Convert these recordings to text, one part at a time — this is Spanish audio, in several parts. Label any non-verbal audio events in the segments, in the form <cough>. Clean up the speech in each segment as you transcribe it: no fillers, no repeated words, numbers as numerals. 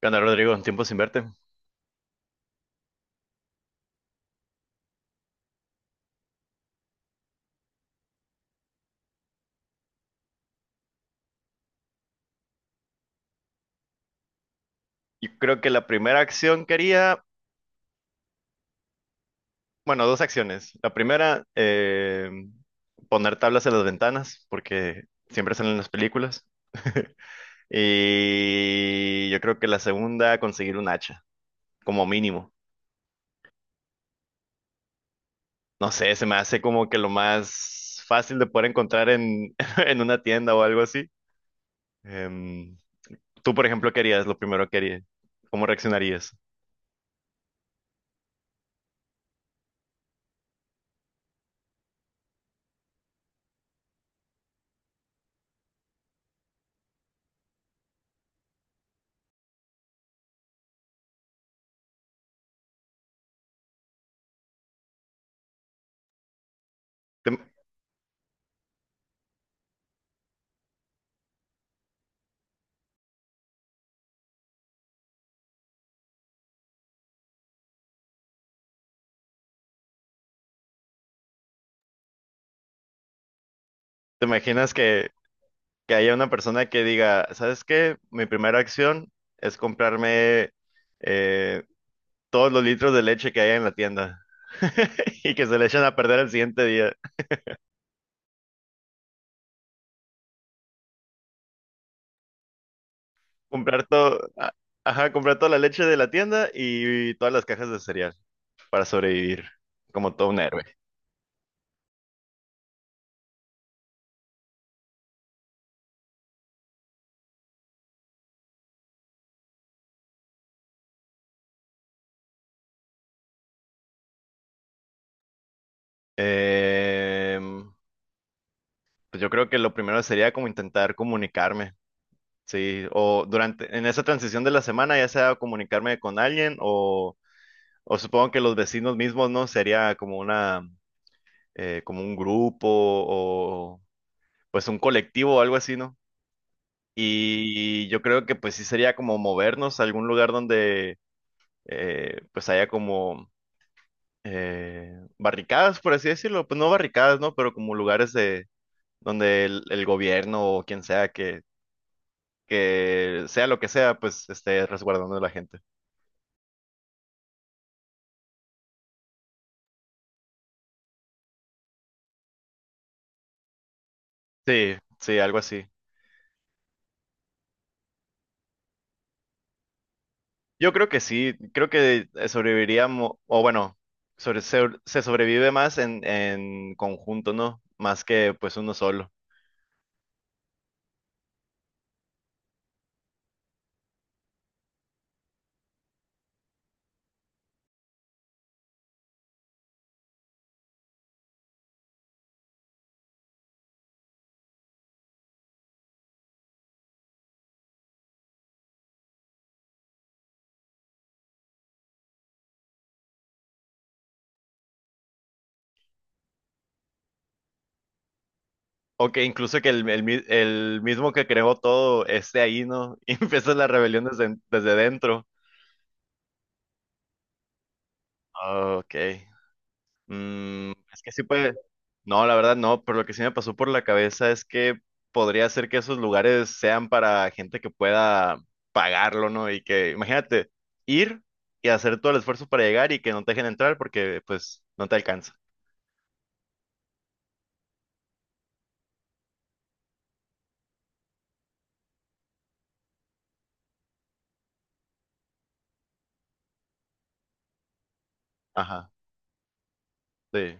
¿Qué onda, Rodrigo? Un tiempo sin verte. Yo creo que la primera acción que haría, bueno, dos acciones. La primera, poner tablas en las ventanas, porque siempre salen en las películas. <laughs> Y yo creo que la segunda, conseguir un hacha, como mínimo. No sé, se me hace como que lo más fácil de poder encontrar <laughs> en una tienda o algo así. Em, Tú, por ejemplo, ¿qué harías? Lo primero que harías. ¿Cómo reaccionarías? ¿Te, te imaginas que haya una persona que diga, ¿sabes qué? Mi primera acción es comprarme eh, todos los litros de leche que haya en la tienda <laughs> y que se le echen a perder el siguiente día. Comprar todo, ajá, comprar toda la leche de la tienda y todas las cajas de cereal para sobrevivir como todo un héroe. Em, pues yo creo que lo primero sería como intentar comunicarme. Sí, o durante, en esa transición de la semana, ya sea comunicarme con alguien o supongo que los vecinos mismos, ¿no? Sería como una, como un grupo o pues un colectivo o algo así, ¿no? Y yo creo que pues sí sería como movernos a algún lugar donde pues haya como barricadas, por así decirlo. Pues no barricadas, ¿no? Pero como lugares de donde el gobierno o quien sea que sea lo que sea, pues esté resguardando a la gente. Sí, sí, algo así. Yo creo que sí, creo que sobreviviríamos, o bueno, sobre, se sobrevive más en conjunto, ¿no? Más que pues uno solo. O que incluso que mi- el mismo que creó todo esté ahí, ¿no? <laughs> Y empieza la rebelión desde, desde dentro. Ah, ok. Mm, es que sí puede. No, la verdad no, pero lo que sí me pasó por la cabeza es que podría ser que esos lugares sean para gente que pueda pagarlo, ¿no? Y que, imagínate, ir y hacer todo el esfuerzo para llegar y que no te dejen entrar porque pues no te alcanza. Ajá, sí.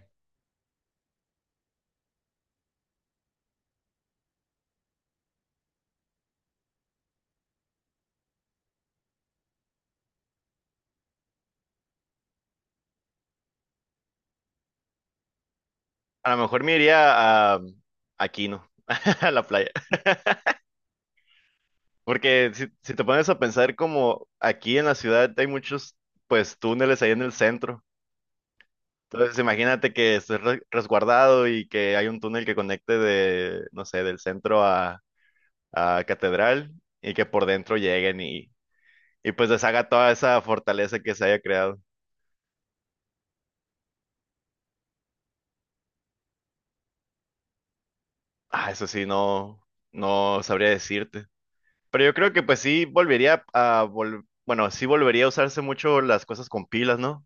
A lo mejor me iría a aquí, ¿no? <laughs> A la playa. Porque si, si te pones a pensar como aquí en la ciudad hay muchos pues túneles ahí en el centro. Entonces, imagínate que estés re- resguardado y que hay un túnel que conecte de, no sé, del centro a Catedral y que por dentro lleguen y pues deshaga toda esa fortaleza que se haya creado. Ah, eso sí, no, no sabría decirte. Pero yo creo que pues sí volvería a, vol- bueno, sí volvería a usarse mucho las cosas con pilas, ¿no?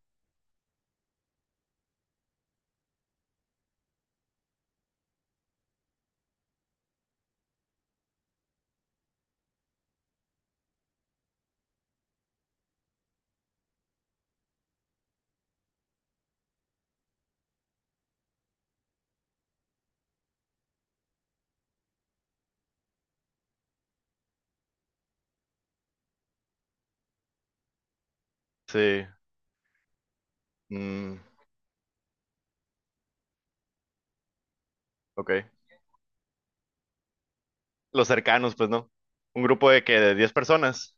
Sí. Mm, ok. Los cercanos, pues no. Un grupo de que de 10 personas.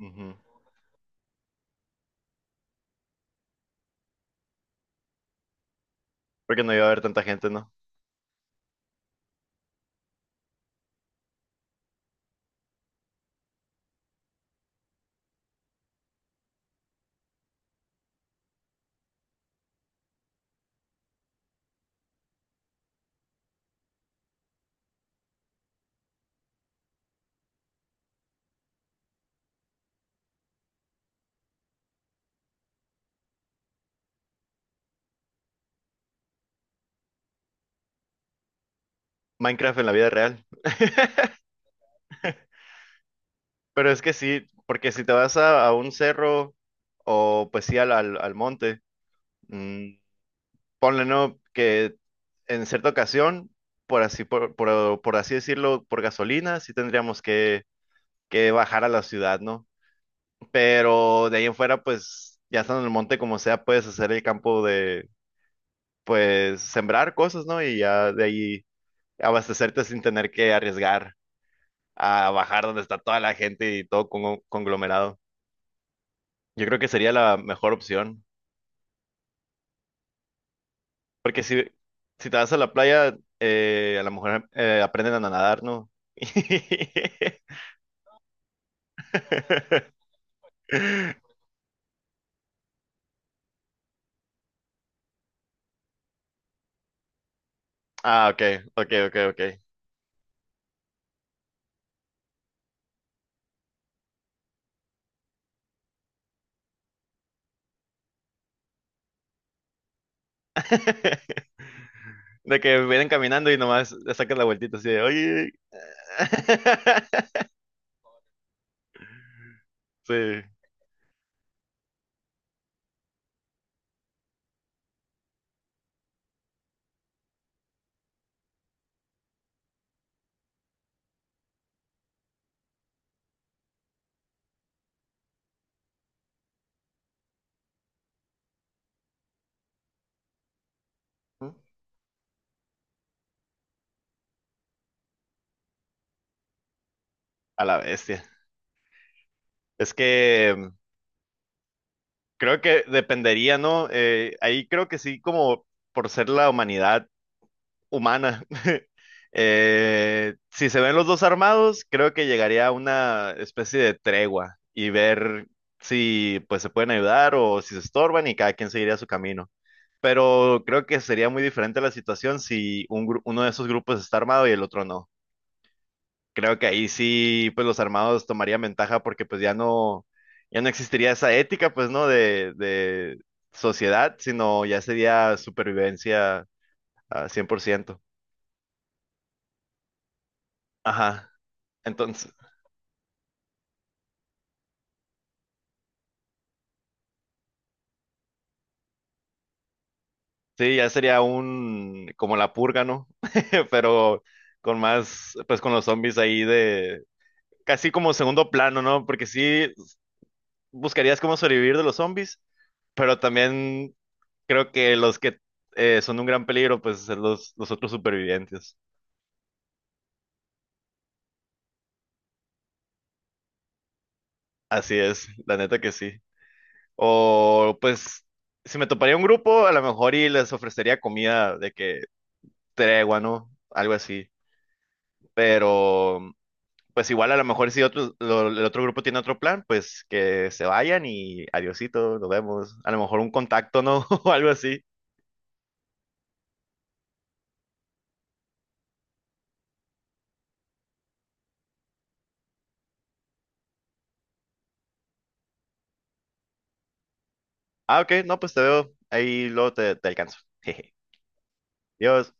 Ujú. Porque no iba a haber tanta gente, ¿no? Minecraft en la vida real. Pero es que sí, porque si te vas a un cerro o pues sí al monte, mm, ponle no que en cierta ocasión, por así, por así decirlo, por gasolina, sí tendríamos que bajar a la ciudad, ¿no? Pero de ahí en fuera, pues ya estando en el monte como sea, puedes hacer el campo de, pues sembrar cosas, ¿no? Y ya de ahí abastecerte sin tener que arriesgar a bajar donde está toda la gente y todo con- conglomerado. Yo creo que sería la mejor opción. Porque si, si te vas a la playa, a lo mejor aprenden a nadar, ¿no? <laughs> Ah, ok, ok. <laughs> De que vienen caminando y nomás le sacan la vueltita así de, oye. <laughs> Sí, a la bestia. Es que mm, creo que dependería, ¿no? Ahí creo que sí, como por ser la humanidad humana. Si se ven los dos armados, creo que llegaría a una especie de tregua y ver si pues se pueden ayudar o si se estorban y cada quien seguiría su camino. Pero creo que sería muy diferente la situación si un gru- uno de esos grupos está armado y el otro no. Creo que ahí sí, pues los armados tomarían ventaja porque ya no existiría esa ética, pues, ¿no? De sociedad, sino ya sería supervivencia a 100%. Ajá. Entonces, sí, ya sería un, como la purga, ¿no? <laughs> Pero con más, pues con los zombies ahí de, casi como segundo plano, ¿no? Porque sí buscarías cómo sobrevivir de los zombies, pero también creo que los que son un gran peligro, pues son los otros supervivientes. Así es, la neta que sí. O pues, si me toparía un grupo, a lo mejor y les ofrecería comida de que tregua, ¿no? Algo así. Pero pues igual a lo mejor si otro, lo- el otro grupo tiene otro plan, pues que se vayan y adiosito, nos vemos. A lo mejor un contacto, ¿no? <laughs> O algo así. Ah, ok, no, pues te veo. Ahí luego te alcanzo. <laughs> Jeje. Adiós.